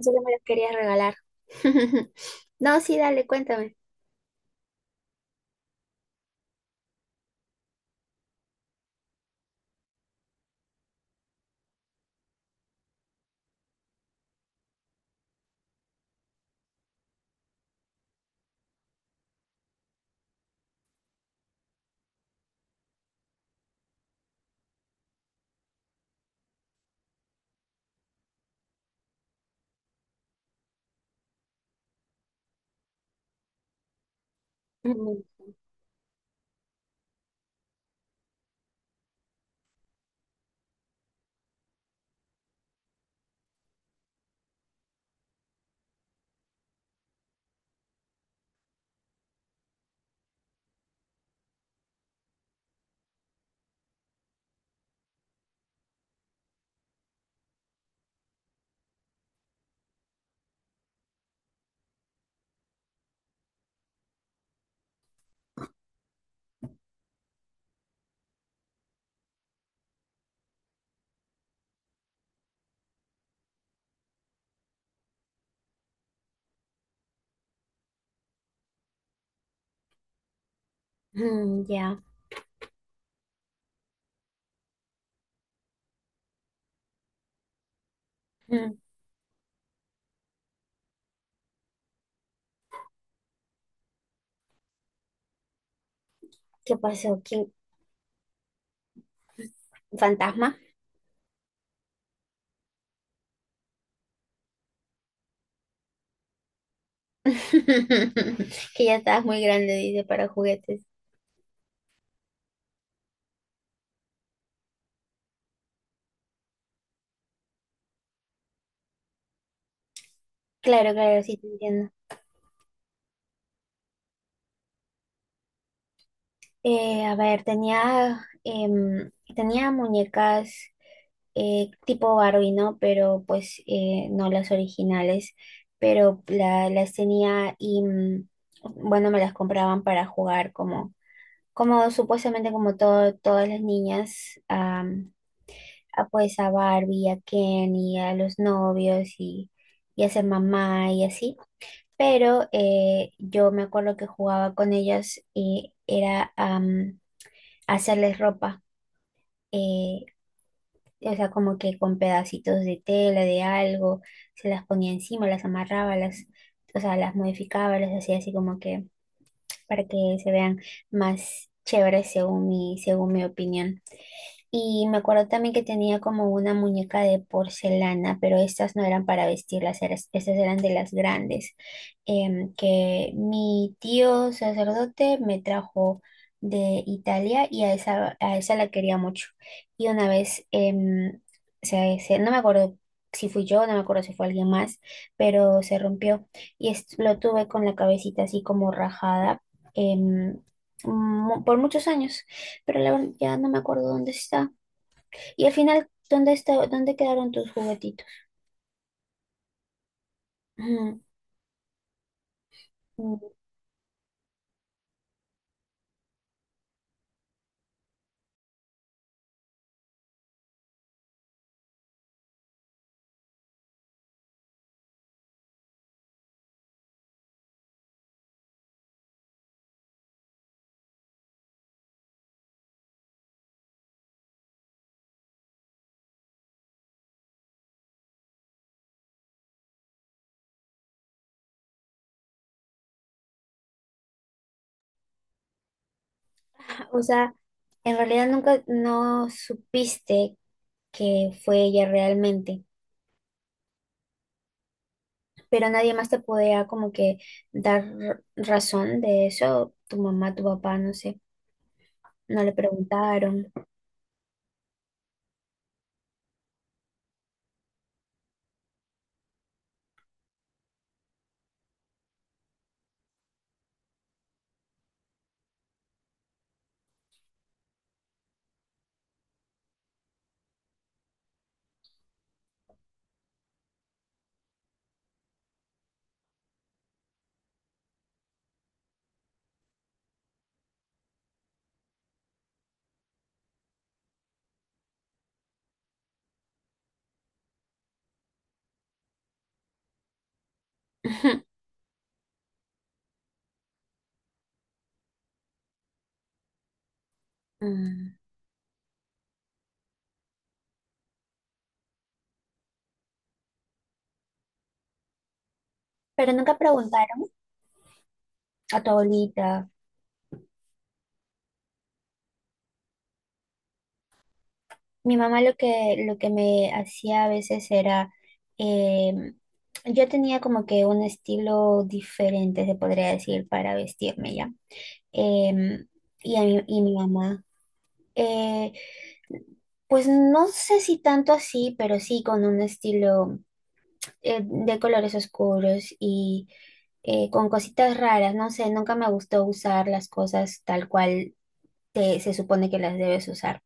Solo me los quería regalar. No, sí, dale, cuéntame. Mm, mm. Ya. Mm. ¿Qué pasó? ¿Quién? ¿Fantasma? Que ya estabas muy grande, dice, para juguetes. Claro, claro, sí te entiendo. A ver, tenía muñecas tipo Barbie, ¿no? Pero pues no las originales, pero las tenía y bueno, me las compraban para jugar como supuestamente como todo, todas las niñas, a, pues a Barbie, a Kenny, a los novios y a ser mamá y así. Pero yo me acuerdo que jugaba con ellas y era hacerles ropa, eh, o sea, como que con pedacitos de tela, de algo, se las ponía encima, las amarraba, las, o sea, las modificaba, las hacía así como que para que se vean más chéveres según mi opinión. Y me acuerdo también que tenía como una muñeca de porcelana, pero estas no eran para vestirlas, estas eran de las grandes, que mi tío sacerdote me trajo de Italia y a esa la quería mucho. Y una vez, no me acuerdo si fui yo, no me acuerdo si fue alguien más, pero se rompió y lo tuve con la cabecita así como rajada, em, por muchos años, pero la verdad ya no me acuerdo dónde está. Y al final, ¿dónde está, dónde quedaron tus juguetitos? Ujú. Mm. O sea, en realidad nunca no supiste que fue ella realmente, pero nadie más te podía como que dar razón de eso, tu mamá, tu papá, no sé, no le preguntaron. Ujú. Mm. Pero nunca preguntaron a tu abuelita. Mi mamá lo que me hacía a veces era, em, yo tenía como que un estilo diferente, se podría decir, para vestirme ya. Em, y, a mi, y mi mamá, eh, pues no sé si tanto así, pero sí con un estilo de colores oscuros y con cositas raras, no sé, nunca me gustó usar las cosas tal cual se supone que las debes usar.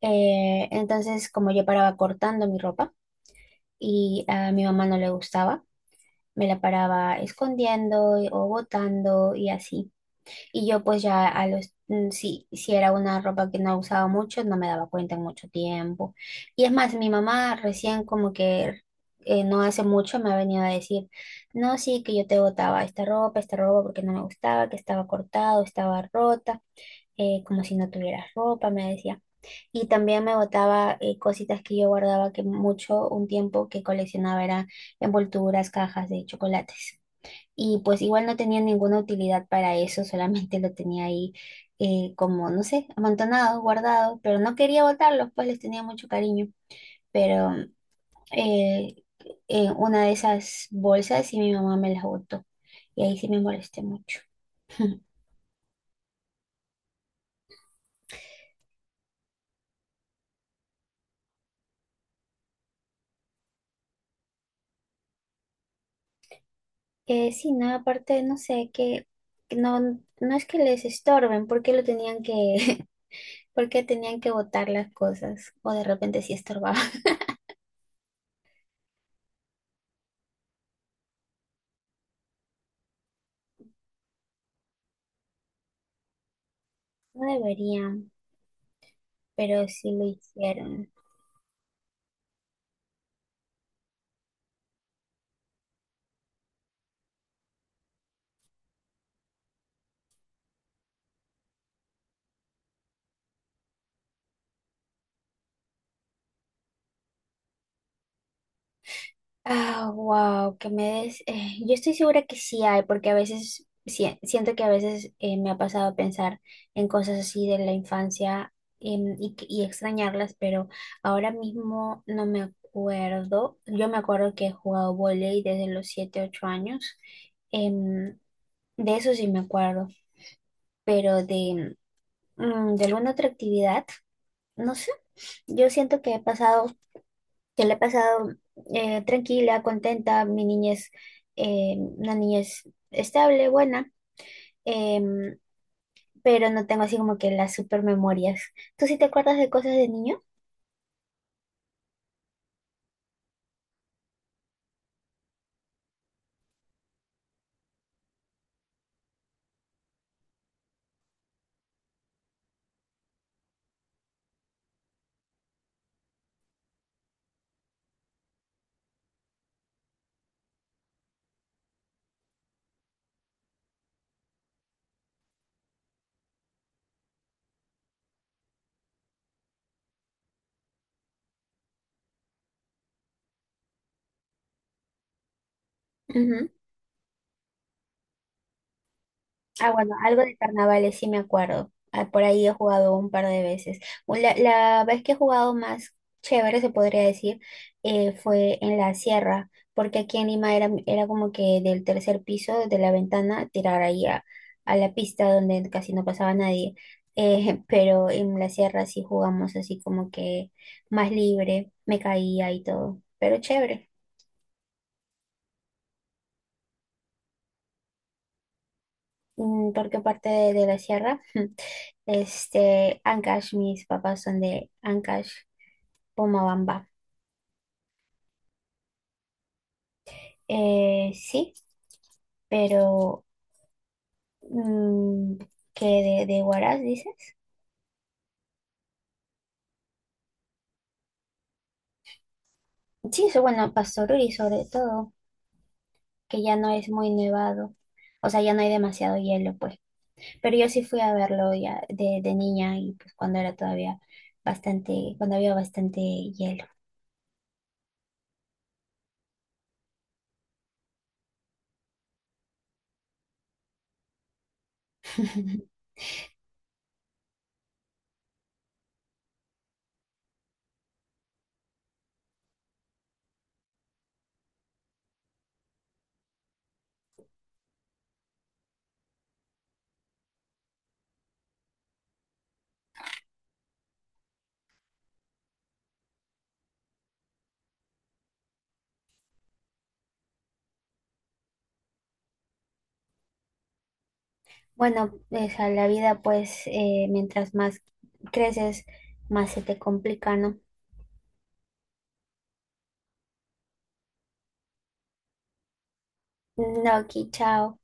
Entonces, como yo paraba cortando mi ropa, y a mi mamá no le gustaba. Me la paraba escondiendo o botando y así. Y yo pues ya a los, si era una ropa que no usaba mucho, no me daba cuenta en mucho tiempo. Y es más, mi mamá recién como que no hace mucho me ha venido a decir, no, sí, que yo te botaba esta ropa porque no me gustaba, que estaba cortado, estaba rota, como si no tuvieras ropa, me decía. Y también me botaba cositas que yo guardaba que mucho, un tiempo que coleccionaba era envolturas, cajas de chocolates. Y pues igual no tenía ninguna utilidad para eso, solamente lo tenía ahí, como, no sé, amontonado, guardado, pero no quería botarlos, pues les tenía mucho cariño. Pero eh, una de esas bolsas y mi mamá me las botó. Y ahí sí me molesté mucho. Sí, no, aparte, no sé, que no, no es que les estorben, porque lo tenían que, porque tenían que botar las cosas o de repente sí estorbaban. No deberían, pero sí lo hicieron. Ah, wow, yo estoy segura que sí hay, porque a veces siento que a veces me ha pasado pensar en cosas así de la infancia, y, y extrañarlas, pero ahora mismo no me acuerdo. Yo me acuerdo que he jugado vóley desde los 7 8 años. Em, de eso sí me acuerdo, pero de alguna otra actividad. No sé, yo siento que he pasado, que le he pasado tranquila, contenta, mi niñez, una niñez estable, buena, em, pero no tengo así como que las super memorias. ¿Tú sí te acuerdas de cosas de niño? Ah, bueno, algo de carnavales sí me acuerdo. Ah, por ahí he jugado un par de veces. La vez que he jugado más chévere, se podría decir, fue en la sierra, porque aquí en Lima era como que del tercer piso, de la ventana, tirar ahí a la pista donde casi no pasaba nadie. Pero en la sierra sí jugamos así como que más libre, me caía y todo, pero chévere. Porque parte de la sierra, Ancash, mis papás son de Ancash, Pomabamba. Sí, pero mm, que de Huaraz, dices. Sí, eso, bueno, Pastoruri sobre todo, que ya no es muy nevado, o sea, ya no hay demasiado hielo, pues. Pero yo sí fui a verlo ya de niña y pues cuando era todavía bastante, cuando había bastante hielo. Bueno, o sea, la vida pues mientras más creces, más se te complica, ¿no? No, aquí, chao.